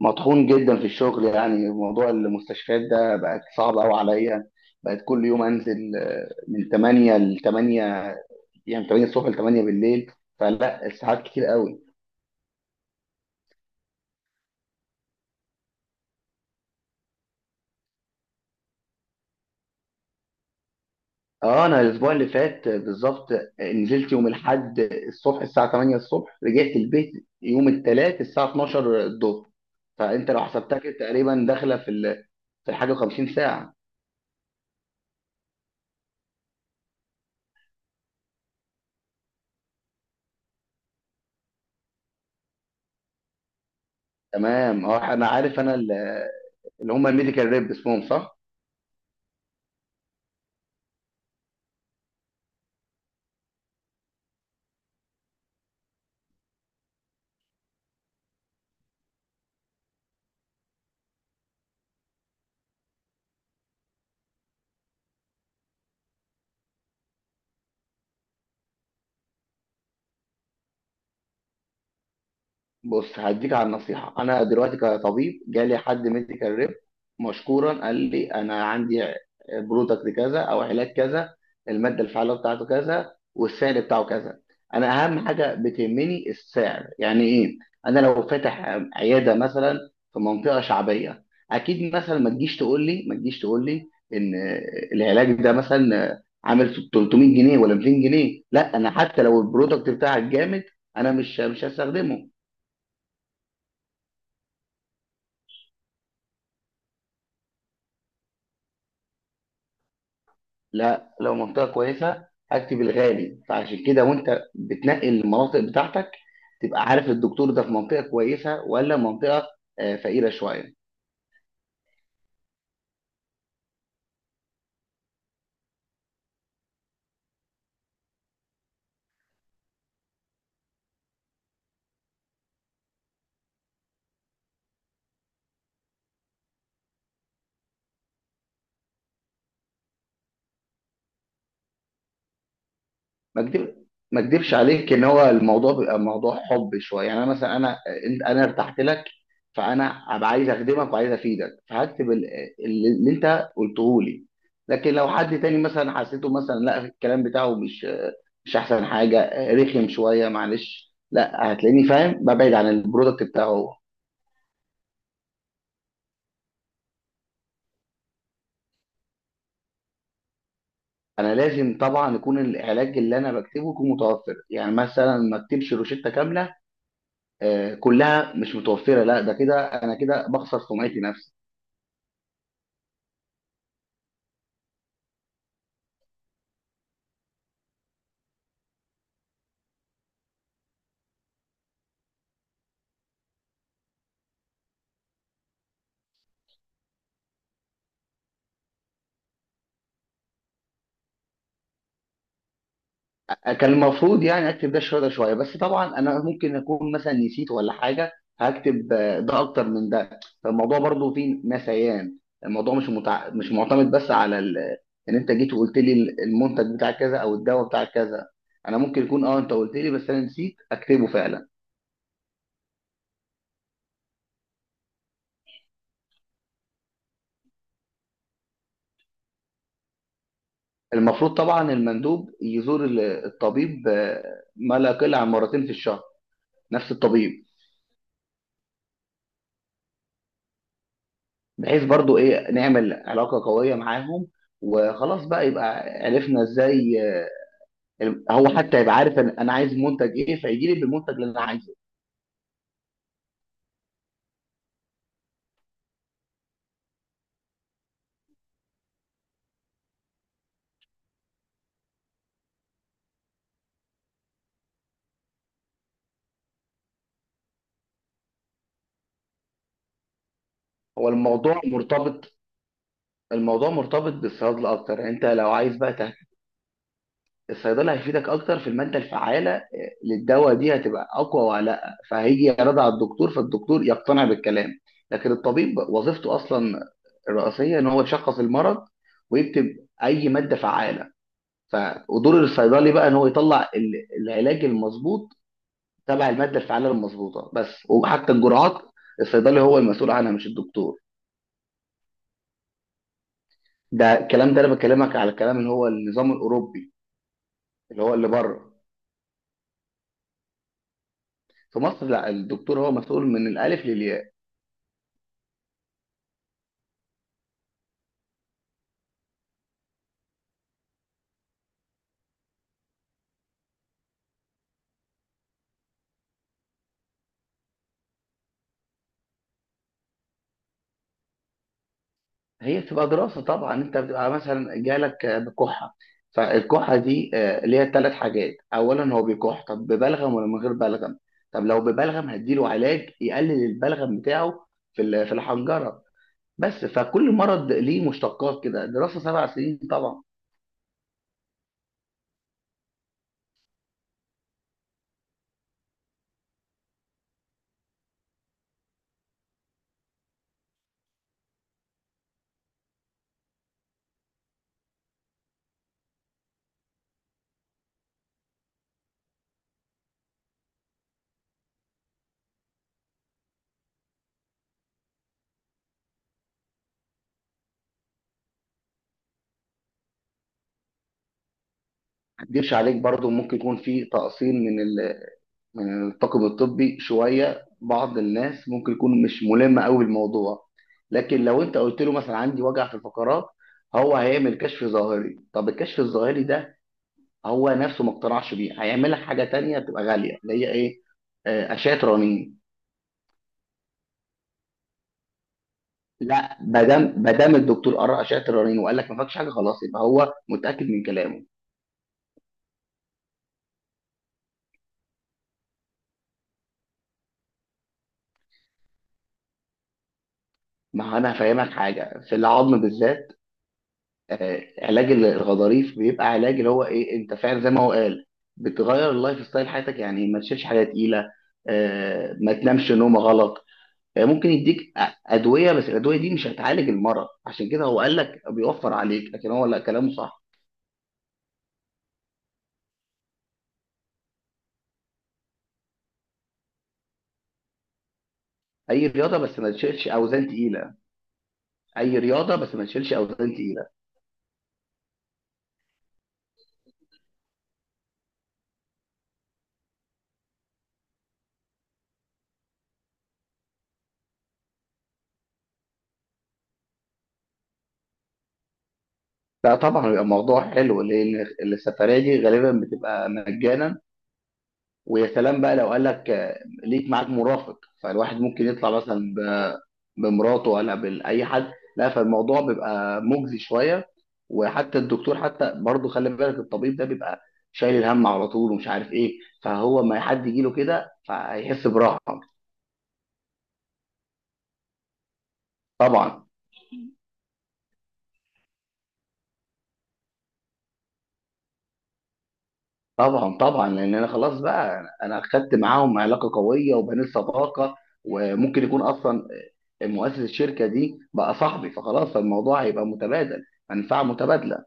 مطحون جدا في الشغل. يعني موضوع المستشفيات ده بقت صعب قوي عليا، بقت كل يوم انزل من 8 ل 8، يعني من 8 الصبح ل 8 بالليل، فلا الساعات كتير قوي. اه انا الاسبوع اللي فات بالظبط نزلت يوم الاحد الصبح الساعه 8 الصبح، رجعت البيت يوم الثلاث الساعه 12 الظهر. فانت لو حسبتها كده تقريبا داخله في حاجه 50 ساعه. تمام، اه انا عارف، اللي هم الميديكال ريب اسمهم، صح. بص، هديك على النصيحة. أنا دلوقتي كطبيب جالي حد ميديكال ريب مشكورا، قال لي أنا عندي برودكت كذا أو علاج كذا، المادة الفعالة بتاعته كذا والسعر بتاعه كذا. أنا أهم حاجة بتهمني السعر، يعني إيه؟ أنا لو فاتح عيادة مثلا في منطقة شعبية، أكيد مثلا ما تجيش تقول لي إن العلاج ده مثلا عامل 300 جنيه ولا 200 جنيه. لا، أنا حتى لو البرودكت بتاعك جامد، أنا مش هستخدمه. لا، لو منطقة كويسة هكتب الغالي. فعشان كده وانت بتنقي المناطق بتاعتك، تبقى عارف الدكتور ده في منطقة كويسة ولا منطقة فقيرة شوية. ما اكدب ما اكدبش عليك، ان هو الموضوع بيبقى موضوع حب شوية. يعني انا مثلا انا آه، انت انا ارتحت لك، فانا هبقى عايز اخدمك وعايز افيدك، اللي انت قلته لي. لكن لو حد تاني مثلا حسيته مثلا لا الكلام بتاعه مش احسن حاجه، رخم شويه، معلش، لا هتلاقيني فاهم ببعد عن البرودكت بتاعه هو. انا لازم طبعا يكون العلاج اللي انا بكتبه يكون متوفر. يعني مثلا ما اكتبش روشته كامله كلها مش متوفره، لا ده كده انا كده بخسر سمعتي نفسي. كان المفروض يعني اكتب ده شويه ده شويه، بس طبعا انا ممكن اكون مثلا نسيت ولا حاجه، هكتب ده اكتر من ده، فالموضوع برضو فيه نسيان. الموضوع مش معتمد بس ان انت جيت وقلت لي المنتج بتاع كذا او الدواء بتاع كذا. انا ممكن يكون اه انت قلت لي بس انا نسيت اكتبه فعلا. المفروض طبعا المندوب يزور الطبيب، ما لا يقل عن مرتين في الشهر، نفس الطبيب، بحيث برضو ايه، نعمل علاقة قوية معاهم، وخلاص بقى يبقى عرفنا ازاي هو حتى يبقى عارف أنا عايز منتج ايه، فيجي لي بالمنتج اللي انا عايزه. هو الموضوع مرتبط الموضوع مرتبط بالصيدلة اكتر. يعني انت لو عايز بقى الصيدلة هيفيدك اكتر في المادة الفعالة للدواء، دي هتبقى اقوى ولا لا، فهيجي يعرضها على الدكتور، فالدكتور يقتنع بالكلام. لكن الطبيب وظيفته اصلا الرئيسية ان هو يشخص المرض ويكتب اي مادة فعالة. ف ودور الصيدلي بقى ان هو يطلع العلاج المظبوط تبع الماده الفعاله المظبوطه. بس وحتى الجرعات، الصيدلي هو المسؤول عنها مش الدكتور. ده الكلام ده انا بكلمك على الكلام اللي هو النظام الاوروبي، اللي هو اللي بره. في مصر لا، الدكتور هو مسؤول من الالف للياء. هي بتبقى دراسه طبعا. انت بتبقى مثلا جالك بكحه، فالكحه دي ليها 3 حاجات، اولا هو بيكح، طب ببلغم ولا من غير بلغم؟ طب لو ببلغم هديله علاج يقلل البلغم بتاعه في في الحنجره. بس، فكل مرض ليه مشتقات كده، دراسة 7 سنين طبعا. ما اكدبش عليك، برضو ممكن يكون في تقصير من من الطاقم الطبي شوية، بعض الناس ممكن يكون مش ملم قوي بالموضوع. لكن لو انت قلت له مثلا عندي وجع في الفقرات، هو هيعمل كشف ظاهري. طب الكشف الظاهري ده هو نفسه ما اقتنعش بيه، هيعمل لك حاجة تانية بتبقى غالية اللي هي ايه، أشعة رنين. لا، ما دام الدكتور قرأ أشعة الرنين وقال لك ما فيكش حاجة، خلاص يبقى هو متأكد من كلامه. ما هو انا هفهمك حاجه في العظم بالذات. علاج الغضاريف بيبقى علاج اللي هو ايه، انت فعلا زي ما هو قال، بتغير اللايف ستايل حياتك، يعني ما تشيلش حاجه تقيله، ما تنامش نومه غلط، ممكن ادويه، بس الادويه دي مش هتعالج المرض، عشان كده هو قال لك بيوفر عليك، لكن هو لا كلامه صح. اي رياضه بس ما تشيلش اوزان تقيله. اي رياضه بس ما تشيلش اوزان تقيله. لا طبعا، بيبقى موضوع حلو، لان السفريه دي غالبا بتبقى مجانا، ويا سلام بقى لو قال لك ليك معاك مرافق، فالواحد ممكن يطلع بمراته ولا بأي حد، لا فالموضوع بيبقى مجزي شوية. وحتى الدكتور حتى برضه خلي بالك الطبيب ده بيبقى شايل الهم على طول ومش عارف ايه، فهو ما حد يجي له كده فهيحس براحة. طبعا طبعا طبعا، لان انا خلاص بقى انا خدت معاهم علاقة قوية وبنيت صداقة، وممكن يكون اصلا مؤسس الشركة دي بقى صاحبي، فخلاص الموضوع هيبقى متبادل، منفعة متبادلة.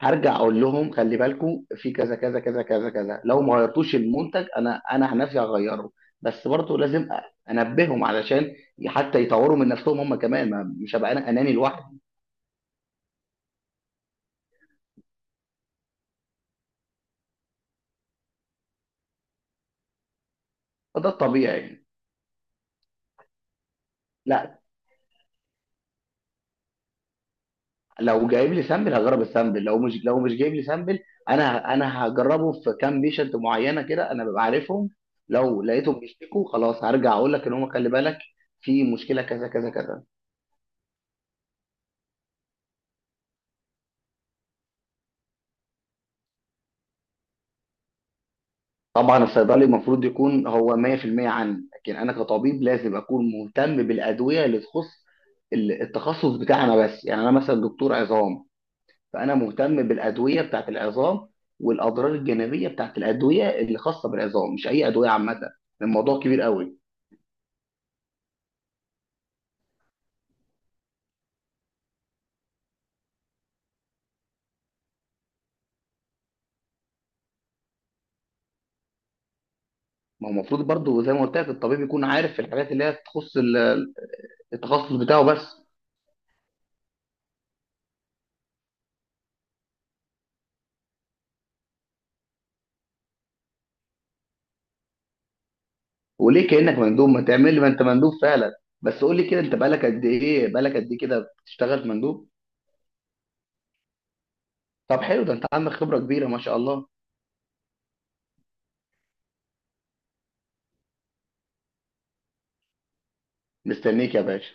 هرجع اقول لهم خلي بالكم في كذا كذا كذا كذا كذا، لو ما غيرتوش المنتج انا عن نفسي هغيره. بس برضه لازم انبههم علشان حتى يطوروا من نفسهم هم كمان، ما مش هبقى انا اناني لوحدي. فده الطبيعي يعني. لا، لو جايب لي سامبل هجرب السامبل، لو مش جايب لي سامبل، انا هجربه في كام بيشنت معينه كده انا ببقى عارفهم. لو لقيتهم بيشتكوا خلاص هرجع اقول لك ان هم خلي بالك، في مشكله كذا كذا كذا. طبعا الصيدلي المفروض يكون هو 100% عني، لكن انا كطبيب لازم اكون مهتم بالادويه اللي تخص التخصص بتاعنا بس. يعني انا مثلا دكتور عظام، فانا مهتم بالادويه بتاعت العظام، والاضرار الجانبيه بتاعت الادويه اللي خاصه بالعظام، مش اي ادويه عامه. الموضوع كبير قوي. ما هو المفروض برضو زي ما قلت لك الطبيب يكون عارف في الحاجات اللي هي تخص التخصص بتاعه بس. وليه كانك مندوب، ما تعمل لي، ما انت مندوب فعلا. بس قول لي كده، انت بقالك قد ايه بقالك قد ايه كده بتشتغل مندوب؟ طب حلو، ده انت عندك خبرة كبيرة ما شاء الله. مستنيك يا باشا.